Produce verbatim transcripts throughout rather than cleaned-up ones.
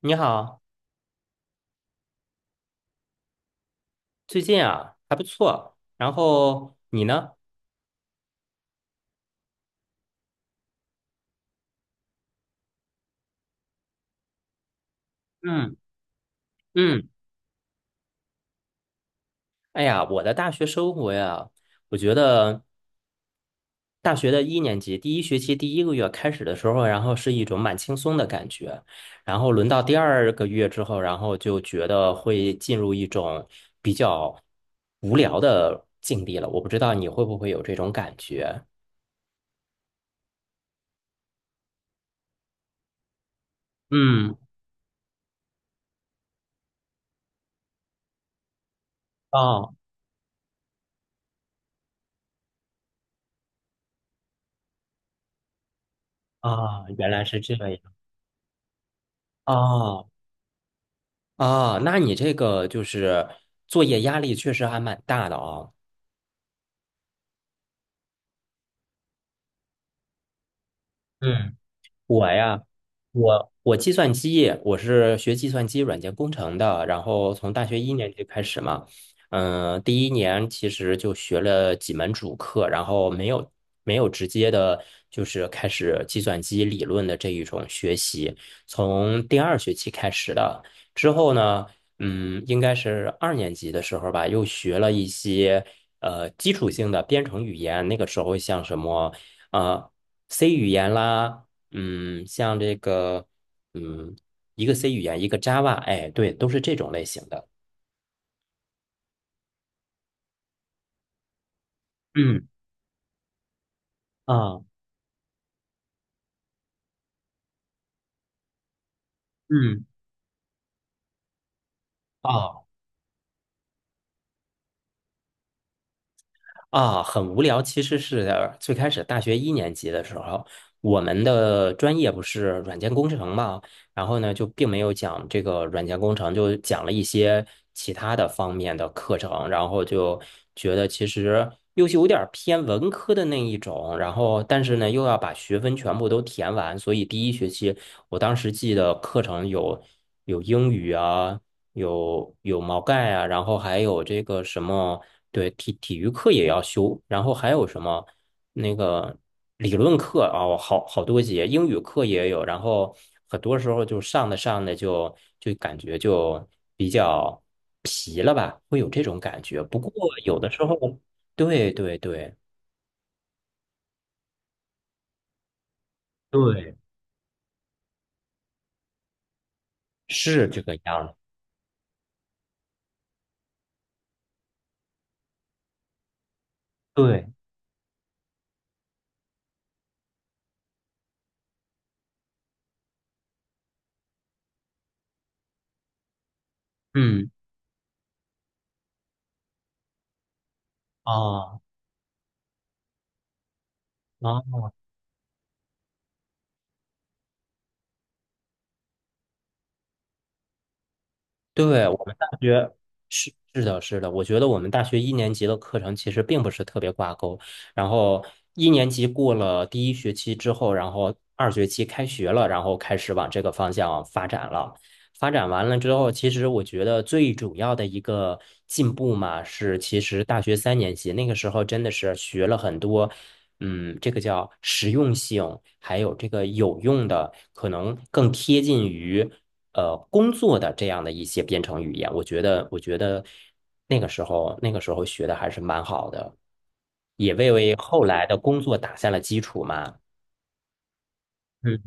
你好，最近啊还不错，然后你呢？嗯嗯，哎呀，我的大学生活呀，我觉得大学的一年级第一学期第一个月开始的时候，然后是一种蛮轻松的感觉，然后轮到第二个月之后，然后就觉得会进入一种比较无聊的境地了。我不知道你会不会有这种感觉？嗯，哦啊，原来是这样。哦啊，那你这个就是作业压力确实还蛮大的啊。嗯。我呀，我我计算机，我是学计算机软件工程的，然后从大学一年级开始嘛，嗯、第一年其实就学了几门主课，然后没有没有直接的，就是开始计算机理论的这一种学习，从第二学期开始的，之后呢，嗯，应该是二年级的时候吧，又学了一些呃基础性的编程语言，那个时候像什么呃 C 语言啦。嗯，像这个，嗯，一个 C 语言，一个 Java，哎，对，都是这种类型的。嗯啊嗯，啊，啊，很无聊。其实是呃最开始大学一年级的时候，我们的专业不是软件工程嘛，然后呢就并没有讲这个软件工程，就讲了一些其他的方面的课程，然后就觉得其实又是有点儿偏文科的那一种，然后但是呢又要把学分全部都填完，所以第一学期我当时记得课程有有英语啊。有有毛概啊，然后还有这个什么，对，体体育课也要修，然后还有什么那个理论课啊，我好好多节，英语课也有，然后很多时候就上的上的就就感觉就比较没了吧，会有这种感觉。不过有的时候，对对对对，是这个样儿。对，嗯，啊啊，对，我们大学是是的，是的，我觉得我们大学一年级的课程其实并不是特别挂钩。然后一年级过了第一学期之后，然后二学期开学了，然后开始往这个方向发展了。发展完了之后，其实我觉得最主要的一个进步嘛，是其实大学三年级那个时候真的是学了很多，嗯，这个叫实用性，还有这个有用的，可能更贴近于呃工作的这样的一些编程语言，我觉得我觉得那个时候那个时候学的还是蛮好的，也为为后来的工作打下了基础嘛。嗯，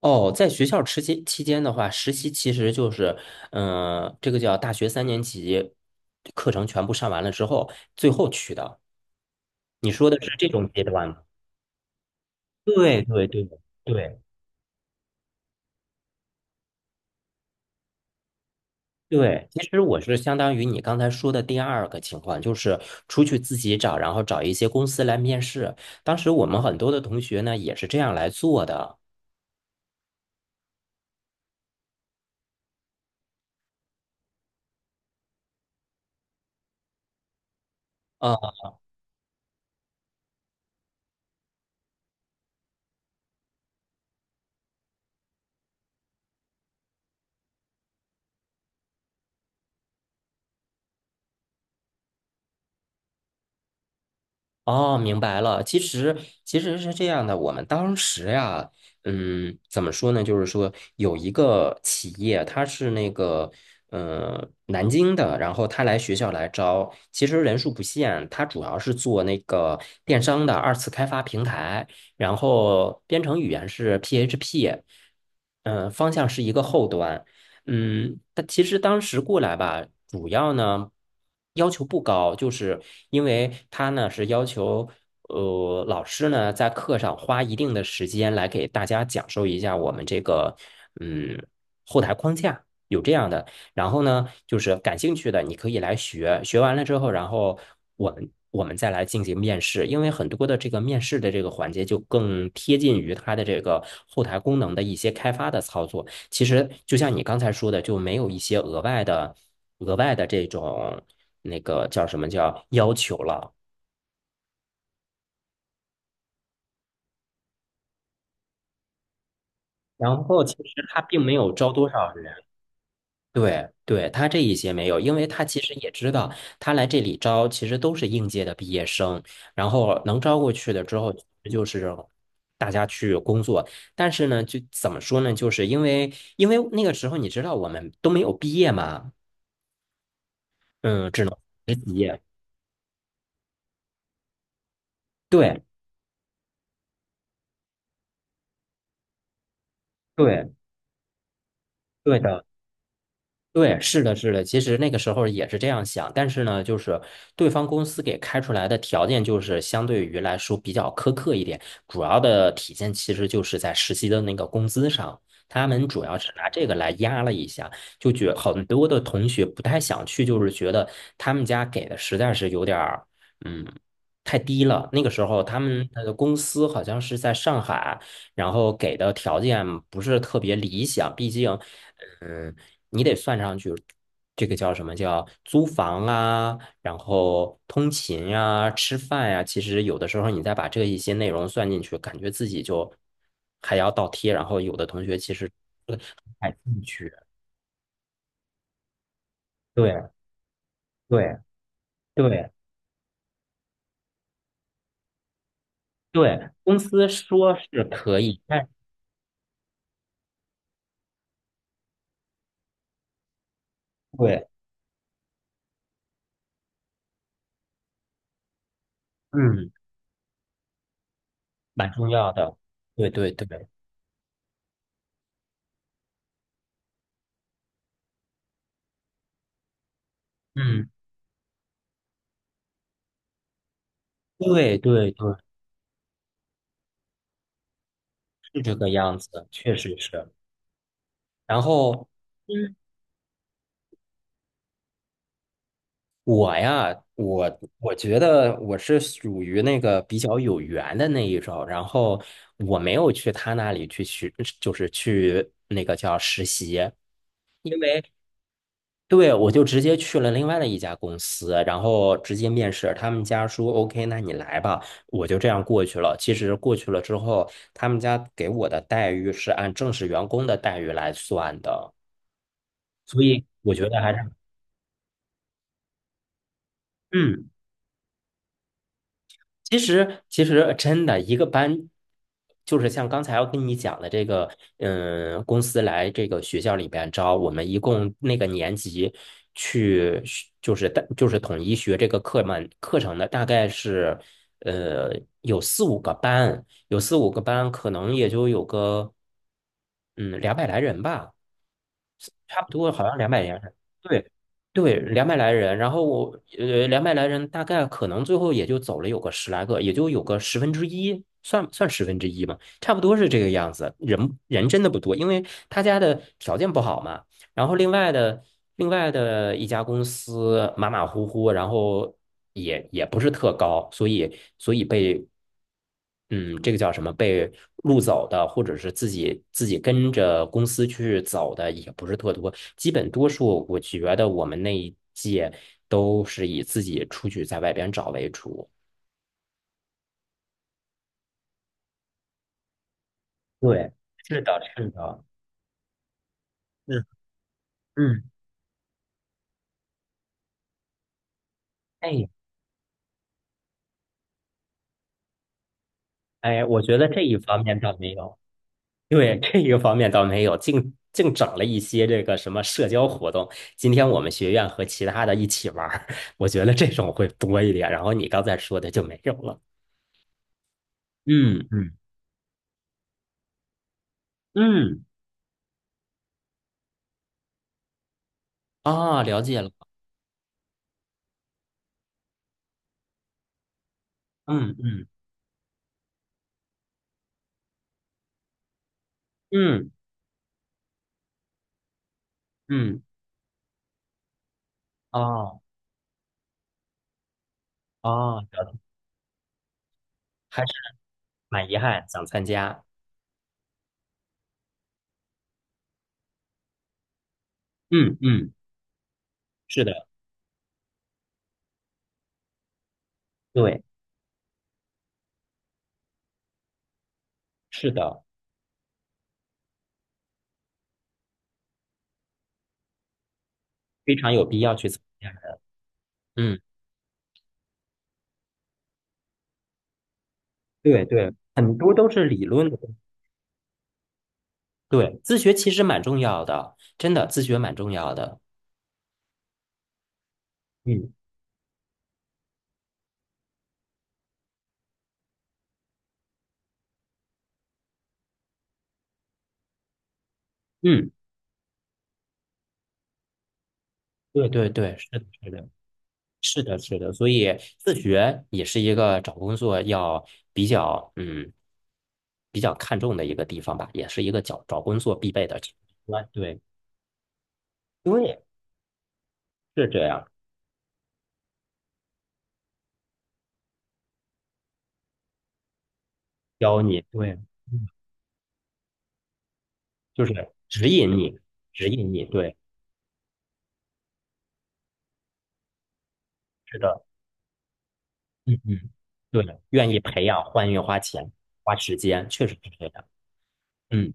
哦，在学校期间期间的话，实习其实就是，嗯、这个叫大学三年级课程全部上完了之后，最后去的。你说的是这种阶段吗？对对对对对，其实我是相当于你刚才说的第二个情况，就是出去自己找，然后找一些公司来面试。当时我们很多的同学呢也是这样来做的。呃哦，明白了。其实其实是这样的，我们当时呀，嗯，怎么说呢？就是说有一个企业，它是那个呃南京的，然后他来学校来招，其实人数不限，他主要是做那个电商的二次开发平台，然后编程语言是 P H P，嗯、呃方向是一个后端。嗯，他其实当时过来吧，主要呢要求不高，就是因为他呢是要求，呃，老师呢在课上花一定的时间来给大家讲授一下我们这个，嗯，后台框架有这样的。然后呢，就是感兴趣的你可以来学，学完了之后，然后我们我们再来进行面试，因为很多的这个面试的这个环节就更贴近于它的这个后台功能的一些开发的操作。其实就像你刚才说的，就没有一些额外的、额外的这种那个叫什么叫要求了。然后其实他并没有招多少人，对对，他这一些没有，因为他其实也知道，他来这里招其实都是应届的毕业生，然后能招过去的之后，就是大家去工作。但是呢，就怎么说呢，就是因为因为那个时候你知道我们都没有毕业嘛，嗯，只能实习。对对对的。对，是的，是的，其实那个时候也是这样想，但是呢，就是对方公司给开出来的条件就是相对于来说比较苛刻一点，主要的体现其实就是在实习的那个工资上，他们主要是拿这个来压了一下，就觉很多的同学不太想去，就是觉得他们家给的实在是有点儿，嗯，太低了。那个时候他们的公司好像是在上海，然后给的条件不是特别理想，毕竟。嗯，你得算上去，这个叫什么叫租房啊，然后通勤呀、吃饭呀、其实有的时候你再把这一些内容算进去，感觉自己就还要倒贴。然后有的同学其实不感兴趣，对对对对，公司说是可以，但对，嗯，蛮重要的，对对对，嗯，对对对，是这个样子，确实是。然后。嗯。我我觉得我是属于那个比较有缘的那一种，然后我没有去他那里去学，就是去那个叫实习，对，我就直接去了另外的一家公司，然后直接面试，他们家说 OK，那你来吧，我就这样过去了。其实过去了之后，他们家给我的待遇是按正式员工的待遇来算的，所以我觉得还是嗯。其实，其实真的一个班，就是像刚才我跟你讲的这个，嗯，公司来这个学校里边招我们，一共那个年级去学就是大就是统一学这个课们课程的，大概是呃有四五个班，有四五个班，可能也就有个嗯两百来人吧。差不多好像两百来人，对对，两百来人。然后我呃，两百来人大概可能最后也就走了有个十来个，也就有个十分之一，算算十分之一嘛，差不多是这个样子。人人真的不多，因为他家的条件不好嘛。然后另外的另外的一家公司马马虎虎，然后也也不是特高，所以所以被嗯这个叫什么被录走的，或者是自己自己跟着公司去走的也不是特多，基本多数我觉得我们那一届都是以自己出去在外边找为主。对，是的，是的，嗯嗯，哎哎，我觉得这一方面倒没有。对，这一个方面倒没有，净净整了一些这个什么社交活动。今天我们学院和其他的一起玩儿，我觉得这种会多一点。然后你刚才说的就没有了。嗯嗯嗯，啊，了解了。嗯嗯嗯嗯，哦哦，了解还是蛮遗憾，想参加。嗯嗯，是的，对，是的，非常有必要去参加。嗯，对对，很多都是理论的。对，自学其实蛮重要的，真的，自学蛮重要的。嗯嗯，对对对，是的，是的，是的，是的，所以自学也是一个找工作要比较嗯比较看重的一个地方吧，也是一个找找工作必备的前提关对对，是这样，教你对，嗯就是指引你，指引你，对，是的，嗯嗯，对，愿意培养，欢迎花钱花时间，确实是这样。嗯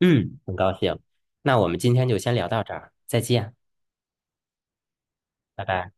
嗯，很高兴，那我们今天就先聊到这儿，再见，拜拜。